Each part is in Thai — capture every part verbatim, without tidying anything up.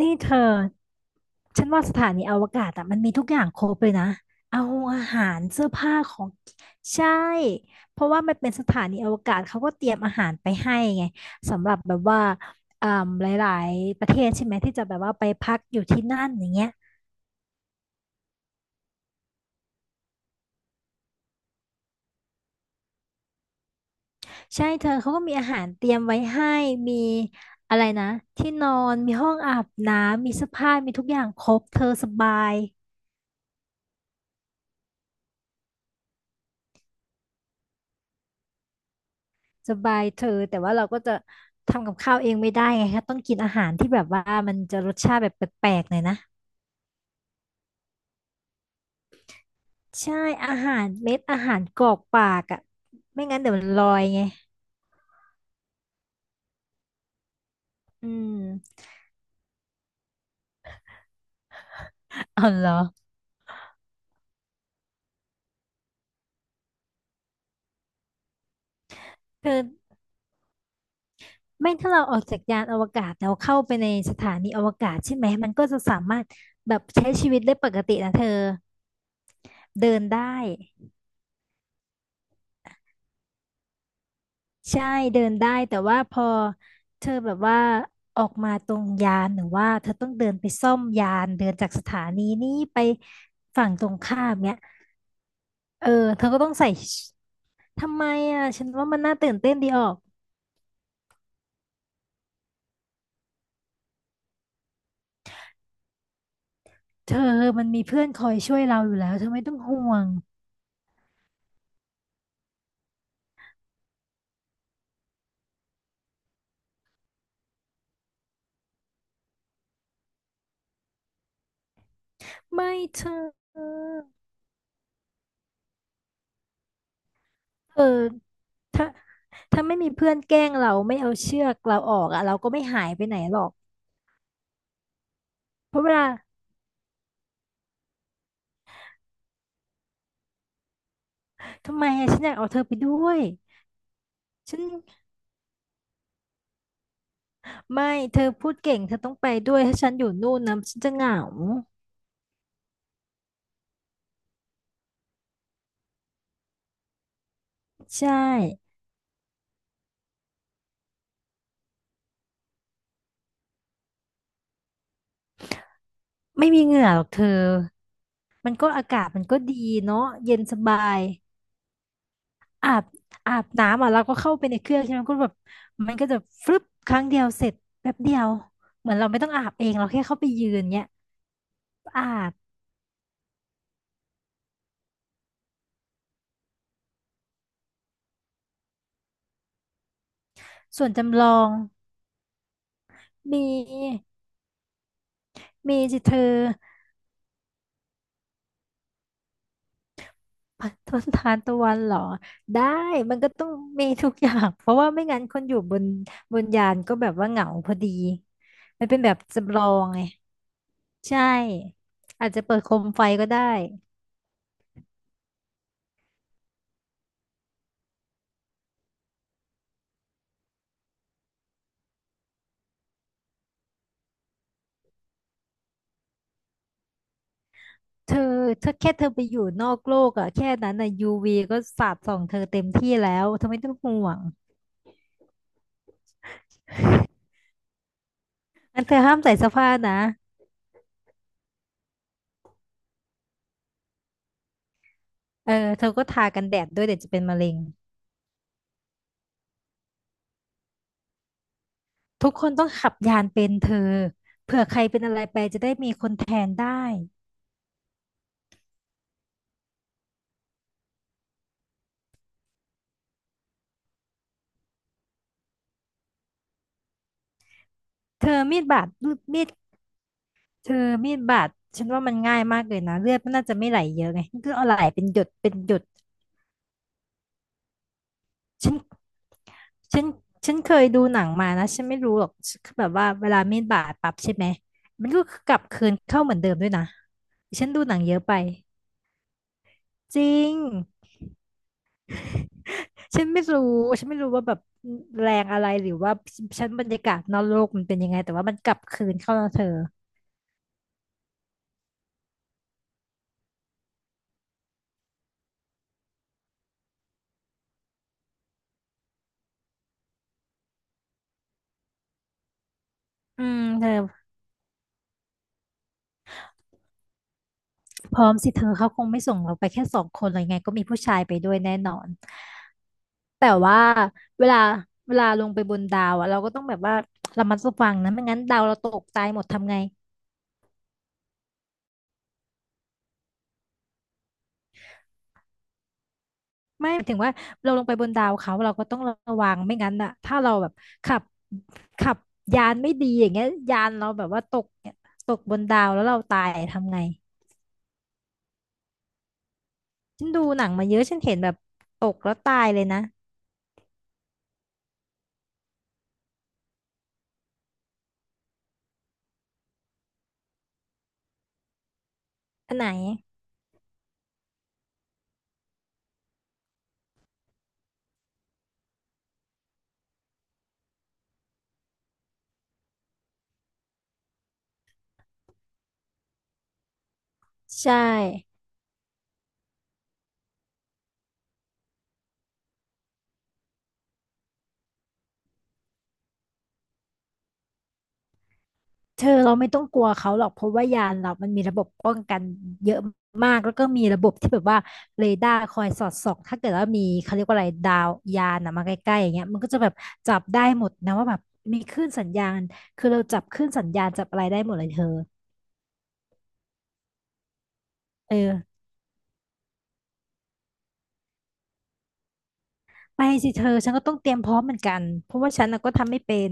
นี่เธอ ฉันว่าสถานีอวกาศอ่ะมันมีทุกอย่างครบเลยนะเอาอาหารเสื้อผ้าของใช่ เพราะว่ามันเป็นสถานีอวกาศเขาก็เตรียมอาหารไปให้ไงสำหรับแบบว่าอ่าหลายๆประเทศใช่ไหมที่จะแบบว่าไปพักอยู่ที่นั่นอย่างเงี้ยใช่เธอเขาก็มีอาหารเตรียมไว้ให้มีอะไรนะที่นอนมีห้องอาบน้ำมีเสื้อผ้ามีทุกอย่างครบเธอสบาย สบายเธอแต่ว่าเราก็จะทำกับข้าวเองไม่ได้ไงคะต้องกินอาหารที่แบบว่ามันจะรสชาติแบบแปลกๆหน่อยนะใช่อาหารเม็ดอาหารกรอกปากอ่ะไม่งั้นเดี๋ยวมันลอยไงอืมอ๋อเหรอคือไม่ถ้าเราออกจากยานอวกาศแล้วเข้าไปในสถานีอวกาศใช่ไหมมันก็จะสามารถแบบใช้ชีวิตได้ปกตินะเธอเดินได้ ใช่เดินได้แต่ว่าพอเธอแบบว่าออกมาตรงยานหรือว่าเธอต้องเดินไปซ่อมยานเดินจากสถานีนี้ไปฝั่งตรงข้ามเนี่ยเออเธอก็ต้องใส่ทำไมอ่ะฉันว่ามันน่าตื่นเต้นดีออกเธอมันมีเพื่อนคอยช่วยเราอยู่แล้วเธอไม่ต้องห่วงไม่เธอเออถ้าถ้าไม่มีเพื่อนแกล้งเราไม่เอาเชือกเราออกอ่ะเราก็ไม่หายไปไหนหรอกเพราะเวลาทำไมอะฉันอยากเอาเธอไปด้วยฉัน ไม่เธอพูดเก่งเธอต้องไปด้วยถ้าฉันอยู่นู่นนะฉันจะเหงาใช่ไม่มีเหงื่อหรอกเธอมันก็อากาศมันก็ดีเนาะเย็นสบายอาบอาบน้ำอ่ะเราก็เข้าไปในเครื่องใช่ไหมก็แบบมันก็จะฟรึบครั้งเดียวเสร็จแป๊บเดียวเหมือนเราไม่ต้องอาบเองเราแค่เข้าไปยืนเนี้ยอาบส่วนจำลองมีมีสิเธอ ต้นทานตะวันเหรอได้มันก็ต้องมีทุกอย่าง เพราะว่าไม่งั้นคนอยู่บนบนยานก็แบบว่าเหงาพอดีมันเป็นแบบจำลองไงใช่อาจจะเปิดโคมไฟก็ได้เธอถ้าแค่เธอไปอยู่นอกโลกอะแค่นั้นอะยูวีก็สาดส่องเธอเต็มที่แล้วเธอไม่ต้องห่วงอันเธอห้ามใส่เสื้อผ้านะเออเธอก็ทากันแดดด้วยเดี๋ยวจะเป็นมะเร็งทุกคนต้องขับยานเป็นเธอเผื่อใครเป็นอะไรไปจะได้มีคนแทนได้ เธอมีดบาดมีดเธอมีดบาดฉันว่ามันง่ายมากเลยนะเลือดมันน่าจะไม่ไหลเยอะไงก็เอาไหลเป็นหยดเป็นหยดฉันฉันฉันเคยดูหนังมานะฉันไม่รู้หรอกคือแบบว่าเวลามีดบาดปั๊บใช่ไหมมันก็กลับคืนเข้าเหมือนเดิมด้วยนะฉันดูหนังเยอะไปจริงฉันไม่รู้ฉันไม่รู้ว่าแบบแรงอะไรหรือว่าชั้นบรรยากาศนอกโลกมันเป็นยังไงแต่ว่ามันกลับคืนเข้านะเธออืมเธอ พร้อมสิเธอเขาคงไม่ส่งเราไปแค่สองคนเลยไงก็มีผู้ชายไปด้วยแน่นอนแต่ว่าเวลาเวลาลงไปบนดาวอะเราก็ต้องแบบว่าระมัดระวังนะไม่งั้นดาวเราตกตายหมดทำไงไม่หมายถึงว่าเราลงไปบนดาวเขาเราก็ต้องระวังไม่งั้นอะถ้าเราแบบขับขับยานไม่ดีอย่างเงี้ยยานเราแบบว่าตกเนี่ยตกบนดาวแล้วเราตายทำไงฉันดูหนังมาเยอะฉันเห็นแบบตกแล้วตายเลยนะอันไหนใช่ เธอเราไม่ต้องกลัวเขาหรอกเพราะว่ายานเรามันมีระบบป้องกันเยอะมากแล้วก็มีระบบที่แบบว่าเรดาร์คอยสอดส่องถ้าเกิดว่ามีเขาเรียกว่าอะไรดาวยานนะมาใกล้ๆอย่างเงี้ยมันก็จะแบบจับได้หมดนะว่าแบบมีคลื่นสัญญาณคือเราจับคลื่นสัญญาณจับอะไรได้หมดเลยเธอเออไปสิเธอฉันก็ต้องเตรียมพร้อมเหมือนกันเพราะว่าฉันน่ะก็ทำไม่เป็น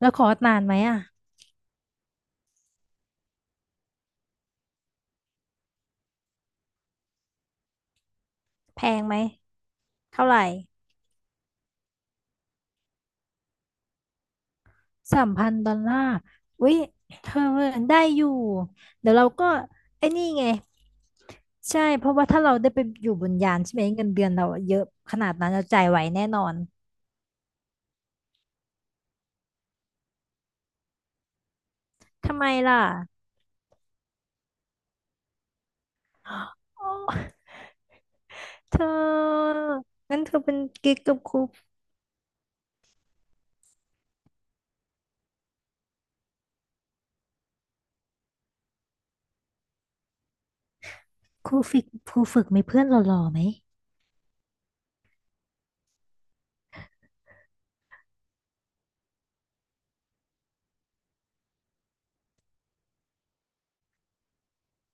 แล้วคอร์สนานไหมอ่ะแพงไหมเท่าไหร่สามพันดอลลาร์อุ้ยเธอได้อยู่เดี๋ยวเราก็ไอ้นี่ไง ใช่เพราะว่าถ้าเราได้ไปอยู่บนยานใช่ไหมเงินเดือนเราอะเยอะขนาดนั้นเราจ่ายไหวแน่นอนทำไมล่ะโอ้ เธองั้นเธอเป็นกิ๊กกับครูครูฝึกครูฝึกมีเพื่อนหล่อๆไหม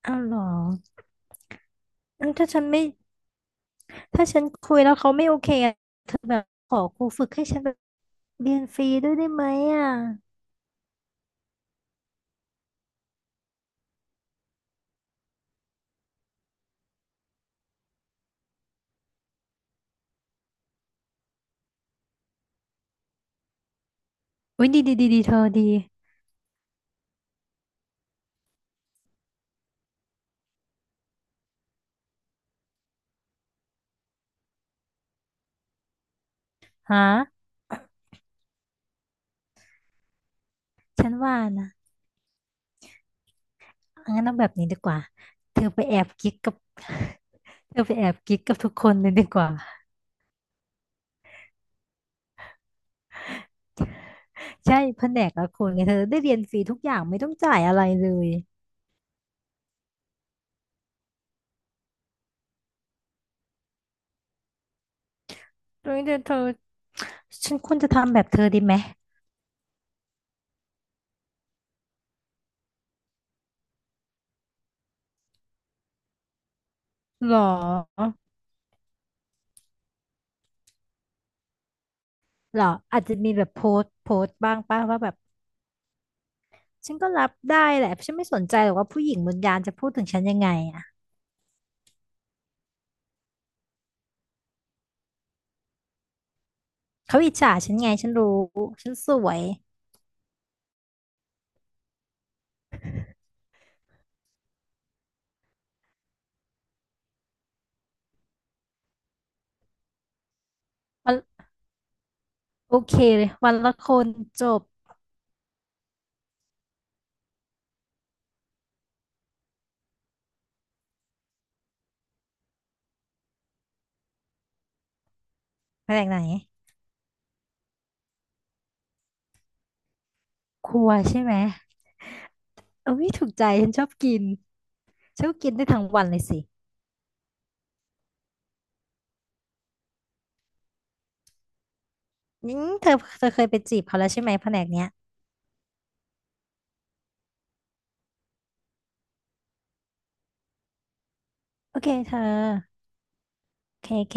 อ้าวเหรองั้นถ้าฉันไม่ถ้าฉันคุยแล้วเขาไม่โอเคอะเธอแบบขอครูฝึกให้ฉันแบบเรียนฟรีด้วยได้ไหมอ่ะอุ้ยดีดีดีดีเธอดีฮะฉันว่านะ งั้นเอาแบบนี้ดีกว่าเธอไปแอบกิ๊กกับ เธอไปแอบกิ๊กกับทุกคนเลยดีกว่าใช่แผนกละคนไงเธอได้เรียนฟรีทุกอย่างไม่ต้องจ่ายอะไรเลยเฮ้ยเดี๋ยวเธอฉันควรจะทำแบบเธอดีไหมหรอหรออาจจะมีแบบโพสต์โพสต์บ้างป้าว่าแบบฉันก็รับได้แหละฉันไม่สนใจหรอกว่าผู้หญิงบนยานจะพูดถึงฉันยังไงอ่ะเขาอิจฉาฉันไงฉันรู้ ฉันสวยวันโอเคเลยวันละคนจบแผนกไหนครัวใช่ไหม โอ้ยถูกใจฉันชอบกินชอบกินได้ทั้งวันเลยสิอืมเธอเธอเคยไปจีบเขาแล้วใช่ไหมแผนกเนี้ยโอเคเธอโอเคโอเค